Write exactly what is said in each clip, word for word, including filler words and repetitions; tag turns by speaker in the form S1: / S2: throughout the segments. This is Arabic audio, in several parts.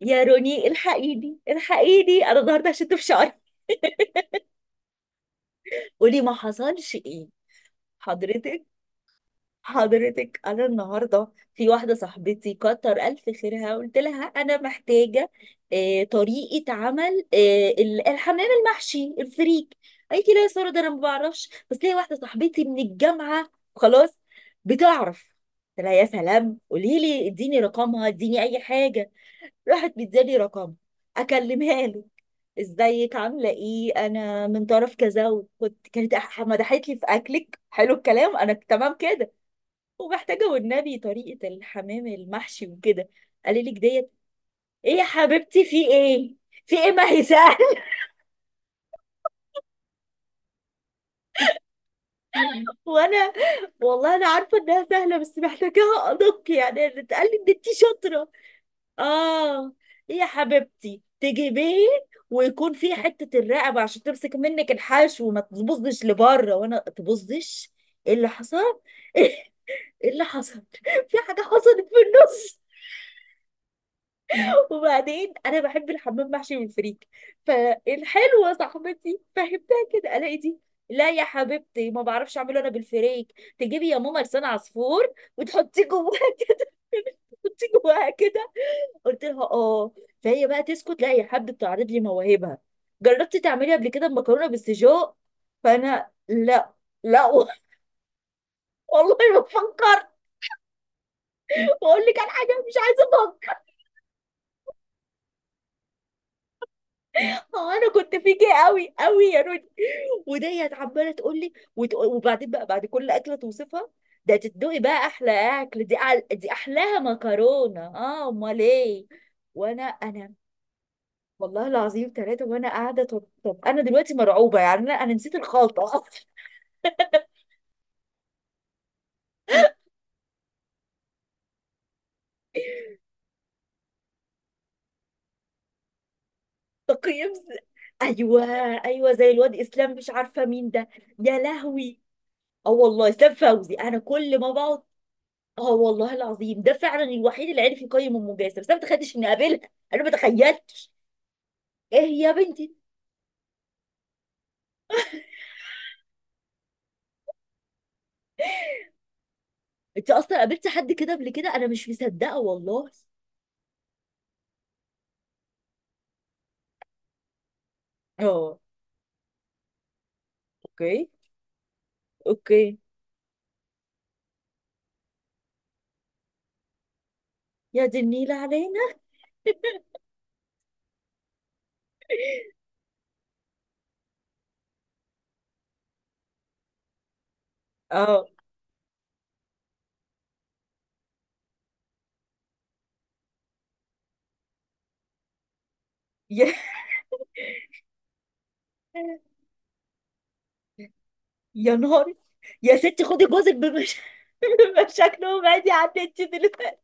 S1: يا روني، الحقيني الحقيني انا النهارده شلت في شعري. قولي ما حصلش ايه. حضرتك، حضرتك انا النهارده في واحده صاحبتي كتر الف خيرها. قلت لها انا محتاجه آه طريقه عمل آه ال- الحمام المحشي الفريك. قالت لي لا يا ساره، ده انا ما بعرفش، بس ليا واحده صاحبتي من الجامعه خلاص بتعرف. قلت لها يا سلام، قولي لي، اديني رقمها، اديني اي حاجه. راحت مدياني رقم، اكلمها له. ازيك؟ عامله ايه؟ انا من طرف كذا، وكنت كانت أح- مدحت لي في اكلك. حلو الكلام، انا تمام كده ومحتاجه والنبي طريقه الحمام المحشي وكده. قال لك ديت: ايه يا حبيبتي؟ في ايه؟ في ايه؟ ما هي سهله. وانا والله انا عارفه انها سهله، بس محتاجاها ادق يعني. أنا اتقال لي ان انت شاطره. اه، يا حبيبتي تجيبيه ويكون فيه حتة الرقبة عشان تمسك منك الحشو وما تبصش لبره، وانا تبصش. ايه اللي حصل؟ ايه اللي حصل؟ في حاجة حصلت في النص. وبعدين انا بحب الحمام محشي والفريك. فالحلوة صاحبتي فهمتها كده الاقي دي: لا يا حبيبتي ما بعرفش اعمله انا بالفريك، تجيبي يا ماما لسان عصفور وتحطيه جواها كده، تحطيه جواها كده. قلت لها اه. فهي بقى تسكت؟ لا، هي حابه تعرض لي مواهبها. جربتي تعملي قبل كده مكرونه بالسجق؟ فانا لا، لا والله ما فكرت. بقول لك على حاجه مش عايزه افكر. هو انا كنت فيكي قوي قوي يا روني. وديت عماله تقول لي، وت- وبعدين بقى بعد كل اكله توصفها: ده تدوقي بقى احلى اكل، دي أعلى، دي احلاها مكرونه، اه امال ايه. وانا انا والله العظيم ثلاثة وانا قاعدة. طب, طب انا دلوقتي مرعوبة يعني. انا انا نسيت الخلطة. تقييم ز- ايوه، ايوه زي الواد اسلام، مش عارفه مين ده. يا لهوي، اه والله اسلام فوزي، انا كل ما بقعد. اه والله العظيم ده فعلا الوحيد اللي عرف يقيم ام جاسر، بس انا ما تخيلتش اني اقابلها. انا ما تخيلتش. ايه يا بنتي؟ انت اصلا قابلتي حد كده قبل كده؟ انا مش مصدقه والله. اه، اوكي، اوكي. يا دي النيله علينا. اه، يا يا نهار. يا ستي خدي جوزك بمش... بمشاكله وبعدي عن انت دلوقتي.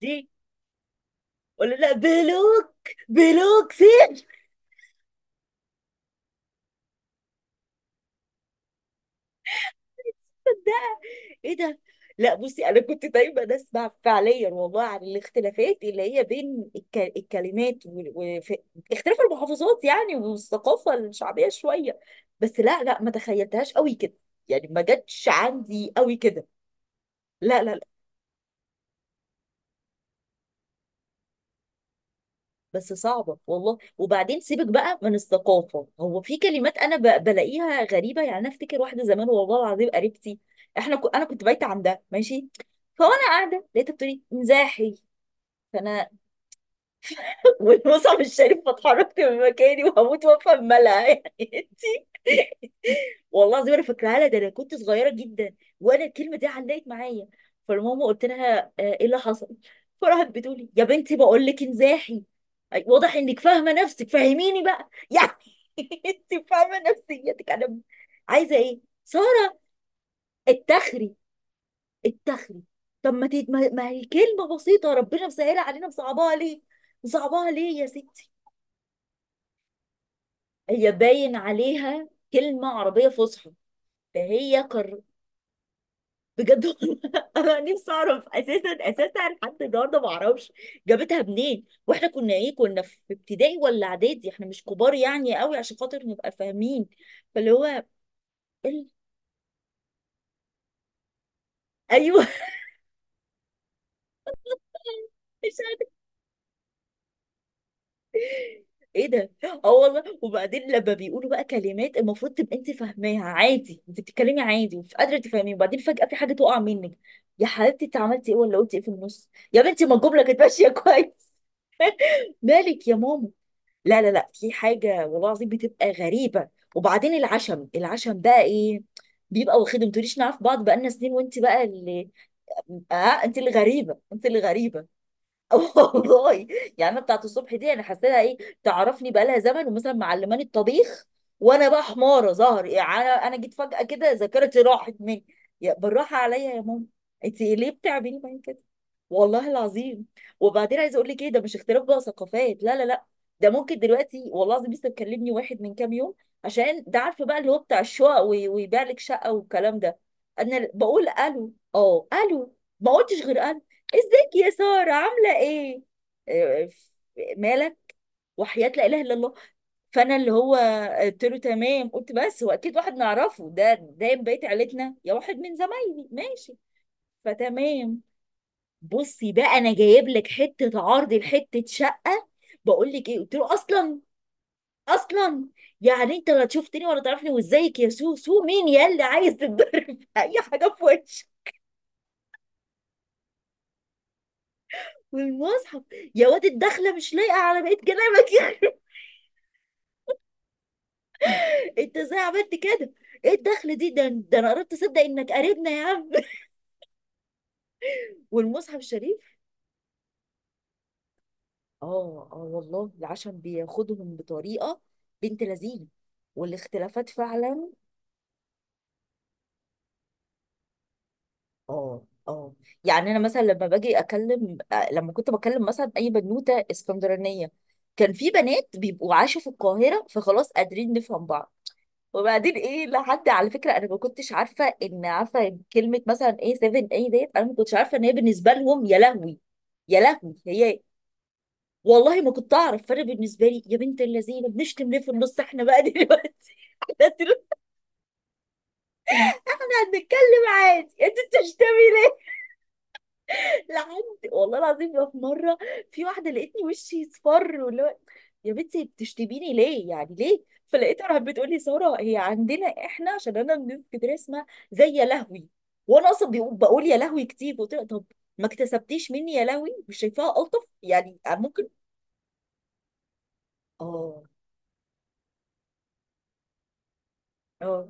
S1: دي؟ ولا لا، بلوك. بلوك سيف. ده، ايه ده؟ لا، بصي، انا كنت دايما اسمع فعليا والله عن الاختلافات اللي هي بين الك- الكلمات وال- وف- اختلاف المحافظات يعني، والثقافه الشعبيه شويه، بس لا لا ما تخيلتهاش قوي كده. يعني ما جاتش عندي قوي كده. لا، لا. بس صعبة والله. وبعدين سيبك بقى من الثقافة، هو في كلمات أنا ب- بلاقيها غريبة يعني. أنا أفتكر واحدة زمان والله العظيم قريبتي، إحنا ك... أنا كنت بايتة عندها ماشي، فوأنا قاعدة لقيتها بتقولي مزاحي. فأنا والمصعب الشريف فاتحركت من مكاني وهموت وأفهم مالها يعني. أنتي، والله العظيم انا فاكراها لها، ده انا كنت صغيره جدا وانا الكلمه دي علقت معايا. فالماما قلت لها آه، ايه اللي حصل؟ فراحت بتقولي يا بنتي بقول لك انزاحي. أي، واضح انك فاهمه نفسك، فهميني بقى يعني. انت فاهمه نفسيتك، انا عايزه ايه؟ ساره اتخري، اتخري. طب ما تد... ما ما هي كلمه بسيطه ربنا مسهلها علينا، مصعباها ليه؟ مصعباها ليه يا ستي؟ هي باين عليها كلمه عربيه فصحى، فهي قر... بجد والله انا نفسي اعرف. اساسا اساسا لحد النهارده ما اعرفش جابتها منين، واحنا كنا ايه؟ كنا في ابتدائي ولا اعدادي، احنا مش كبار يعني قوي عشان خاطر نبقى فاهمين، فاللي هو ال... ايوه. مش عارفة. ايه ده؟ اه والله. وبعدين لما بيقولوا بقى كلمات المفروض تبقى انت فاهماها عادي، انت بتتكلمي عادي مش قادره تفهمي، وبعدين فجاه في حاجه تقع منك: يا حبيبتي انت عملتي ايه ولا قلتي ايه في النص يا بنتي؟ ما الجمله كانت ماشيه كويس. مالك يا ماما؟ لا لا لا، في حاجة والله العظيم بتبقى غريبة. وبعدين العشم، العشم بقى ايه؟ بيبقى واخدهم، ما تقوليش نعرف بعض بقالنا سنين، وانت بقى اللي، اه، انت اللي غريبة، انت اللي غريبة. والله. يعني انا بتاعت الصبح دي انا حسيتها ايه؟ تعرفني بقالها زمن ومثلا معلماني الطبيخ، وانا بقى حماره ظهر يعني. انا أنا جيت فجاه كده ذاكرتي راحت مني. يا بالراحه عليا يا ماما، انت ليه بتعملي معايا كده؟ والله العظيم. وبعدين عايزه اقول لك ايه؟ ده مش اختلاف بقى ثقافات، لا لا لا، ده ممكن دلوقتي والله العظيم. لسه مكلمني واحد من كام يوم عشان، ده عارفه بقى اللي هو بتاع الشقق، وي- ويبيع لك شقه والكلام ده. انا بقول الو، اه الو، ما قلتش غير الو. ازيك يا سارة، عاملة ايه؟ آه، ف- مالك؟ وحياة لا اله الا الله. فانا اللي هو قلت له تمام، قلت بس هو اكيد واحد نعرفه، ده ده من بقية عيلتنا، يا واحد من زمايلي ماشي. فتمام. بصي بقى انا جايب لك حتة عرض لحتة شقة. بقول لك ايه؟ قلت له اصلا، اصلا يعني انت لا تشوفتني ولا تعرفني، وازيك يا سو سو، مين يا اللي عايز تتضرب؟ اي حاجة في وشك، والمصحف. يا واد الدخلة مش لايقة على بقية كلامك. انت ازاي عملت كده؟ ايه الدخل دي؟ ده, ده انا قربت اصدق انك قريبنا يا عم. والمصحف الشريف. اه اه والله، العشم بياخدهم بطريقه، بنت لذينه، والاختلافات فعلا. اه، اه. يعني انا مثلا لما باجي اكلم آه، لما كنت بكلم مثلا اي بنوته اسكندرانيه، كان في بنات بيبقوا عاشوا في القاهره فخلاص قادرين نفهم بعض. وبعدين ايه لحد، على فكره انا ما كنتش عارفه ان عارفه كلمه مثلا ايه سفن اي ديت. انا ما كنتش عارفه ان هي بالنسبه لهم، يا لهوي يا لهوي هي. والله ما كنت اعرف. فانا بالنسبه لي يا بنت اللذينه بنشتم ليه في النص، احنا بقى دلوقتي احنا طلعنا هنتكلم عادي انتوا بتشتمي. لحد والله العظيم بقى، في مره في واحده لقيتني وشي اصفر واللي هو، يا بنتي بتشتميني ليه؟ يعني ليه؟ فلقيتها راحت بتقول لي ساره هي عندنا احنا عشان انا من اسكندريه، اسمها زي يا لهوي. وانا اصلا بيقو- بقول يا لهوي كتير، قلت لها طب ما اكتسبتيش مني يا لهوي؟ مش شايفاها الطف يعني؟ ممكن. اه اه،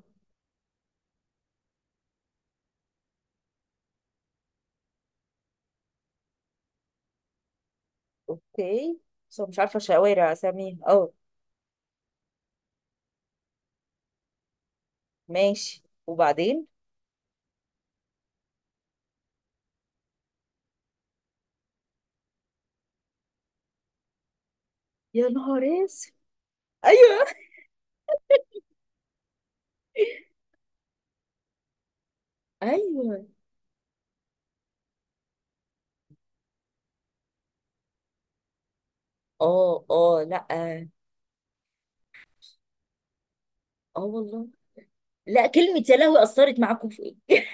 S1: اوكي. بس أنا مش عارفه شوارع اساميها، اه. ماشي، وبعدين. يا نهار اسود. ايوه. ايوه. اه اه. لا، اه والله. لا كلمة يا لهوي أثرت معاكم في إيه؟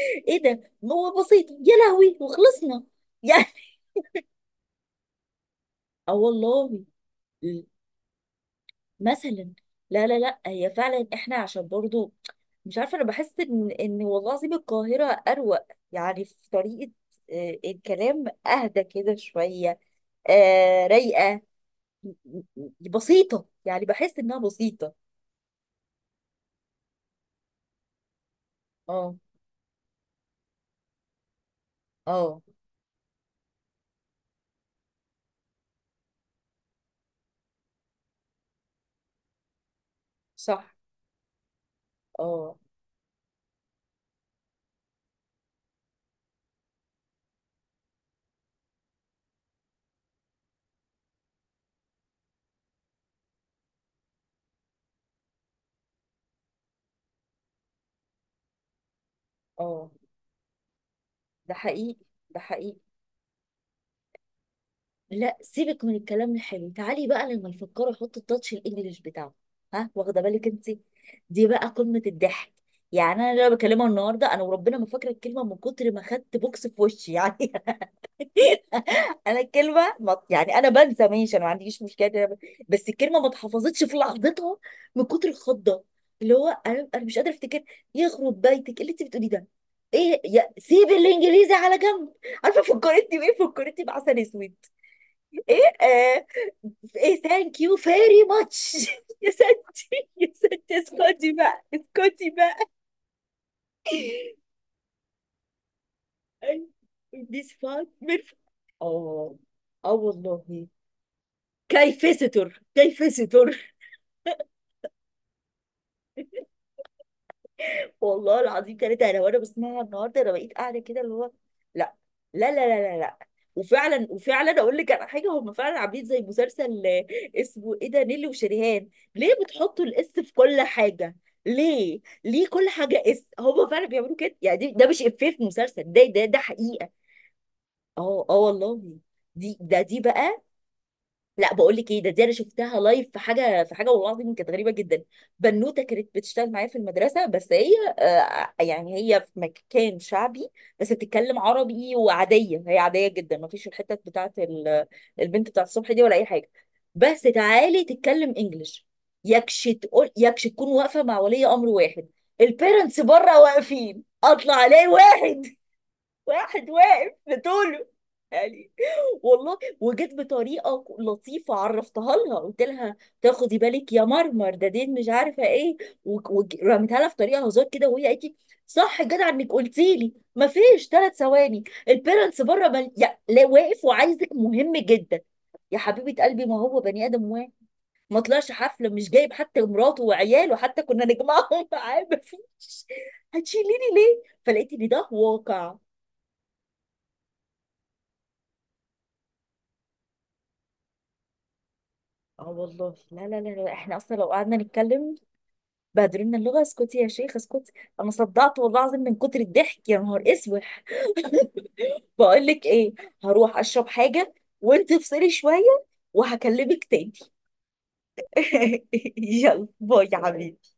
S1: إيه ده؟ ما هو بسيط يا لهوي وخلصنا يعني. آه والله. مثلا، لا لا لا، هي فعلا إحنا عشان برضو، مش عارفة. أنا بحس إن إن والله العظيم القاهرة أروق. يعني في طريقة آه، الكلام أهدى كده شوية، آه رايقة. م- م- بسيطة يعني، بحس إنها بسيطة. اه اه، صح. اه اه، ده حقيقي، ده حقيقي. لا سيبك من الكلام الحلو، تعالي بقى لما الفكار احط التاتش الانجليش بتاعه. ها، واخده بالك انت؟ دي بقى قمه الضحك. يعني انا اللي أنا بكلمها النهارده، انا وربنا ما فاكره الكلمه من كتر ما خدت بوكس في وشي يعني. انا الكلمه ما- يعني انا بنسى ماشي، انا ما عنديش مشكله إن أنا ب- بس الكلمه ما اتحفظتش في لحظتها من كتر الخضه، اللي هو انا انا مش قادره افتكر. يخرب بيتك، إيه اللي انت بتقوليه ده؟ ايه يا، سيب الانجليزي على جنب. عارفه فكرتني بايه؟ فكرتني بعسل اسود. ايه آه، ايه ثانك يو فيري ماتش. يا ستي، يا ستي اسكتي بقى، اسكتي بقى. ميس فاطمة، اه اه والله. كيف ستر، كيف ستر. والله العظيم ثلاثة، انا وانا بسمعها النهارده انا بقيت قاعده كده اللي هو، لا لا لا لا لا لا وفعلا، وفعلا اقول لك على حاجه، هم فعلا عاملين زي مسلسل آه، اسمه ايه ده، نيلي وشريهان. ليه بتحطوا الاس في كل حاجه؟ ليه؟ ليه كل حاجه اس؟ هم فعلا بيعملوا كده يعني. دي- ده مش افيه في مسلسل، ده ده ده حقيقه. اه اه والله. دي ده دي بقى، لا بقول لك ايه ده، دي انا شفتها لايف في حاجه في حاجه والله العظيم كانت غريبه جدا. بنوته كانت بتشتغل معايا في المدرسه، بس هي آه يعني هي في مكان شعبي بس بتتكلم عربي، وعاديه، هي عاديه جدا، ما فيش الحته بتاعت ال- البنت بتاعت الصبح دي ولا اي حاجه. بس تعالي تتكلم انجلش، يكش، تقول يكش. تكون واقفه مع ولي امر واحد، البيرنتس بره واقفين، اطلع عليه واحد، واحد واقف بطوله يعني. والله، وجت بطريقه ك- لطيفه عرفتها لها، قلت لها تاخدي بالك يا مرمر، ده دين مش عارفه ايه، ورميتها لها في طريقه هزار كده، وهي قالت لي صح جدع انك قلتي لي، مفيش ثلاث ثواني البيرنتس بره بل... يا... لا واقف وعايزك مهم جدا. يا حبيبه قلبي ما هو بني ادم واحد، ما طلعش حفله مش جايب حتى مراته وعياله حتى كنا نجمعهم معاه، مفيش. هتشيليني ليه؟ فلقيت ان ده واقع. اه والله. لا لا لا لا، احنا اصلا لو قعدنا نتكلم بهدلنا اللغه. اسكتي يا شيخ، اسكتي، انا صدعت والله العظيم من كتر الضحك يا نهار اسوح. بقول لك ايه، هروح اشرب حاجه، وانت افصلي شويه وهكلمك تاني. يلا باي يا حبيبي.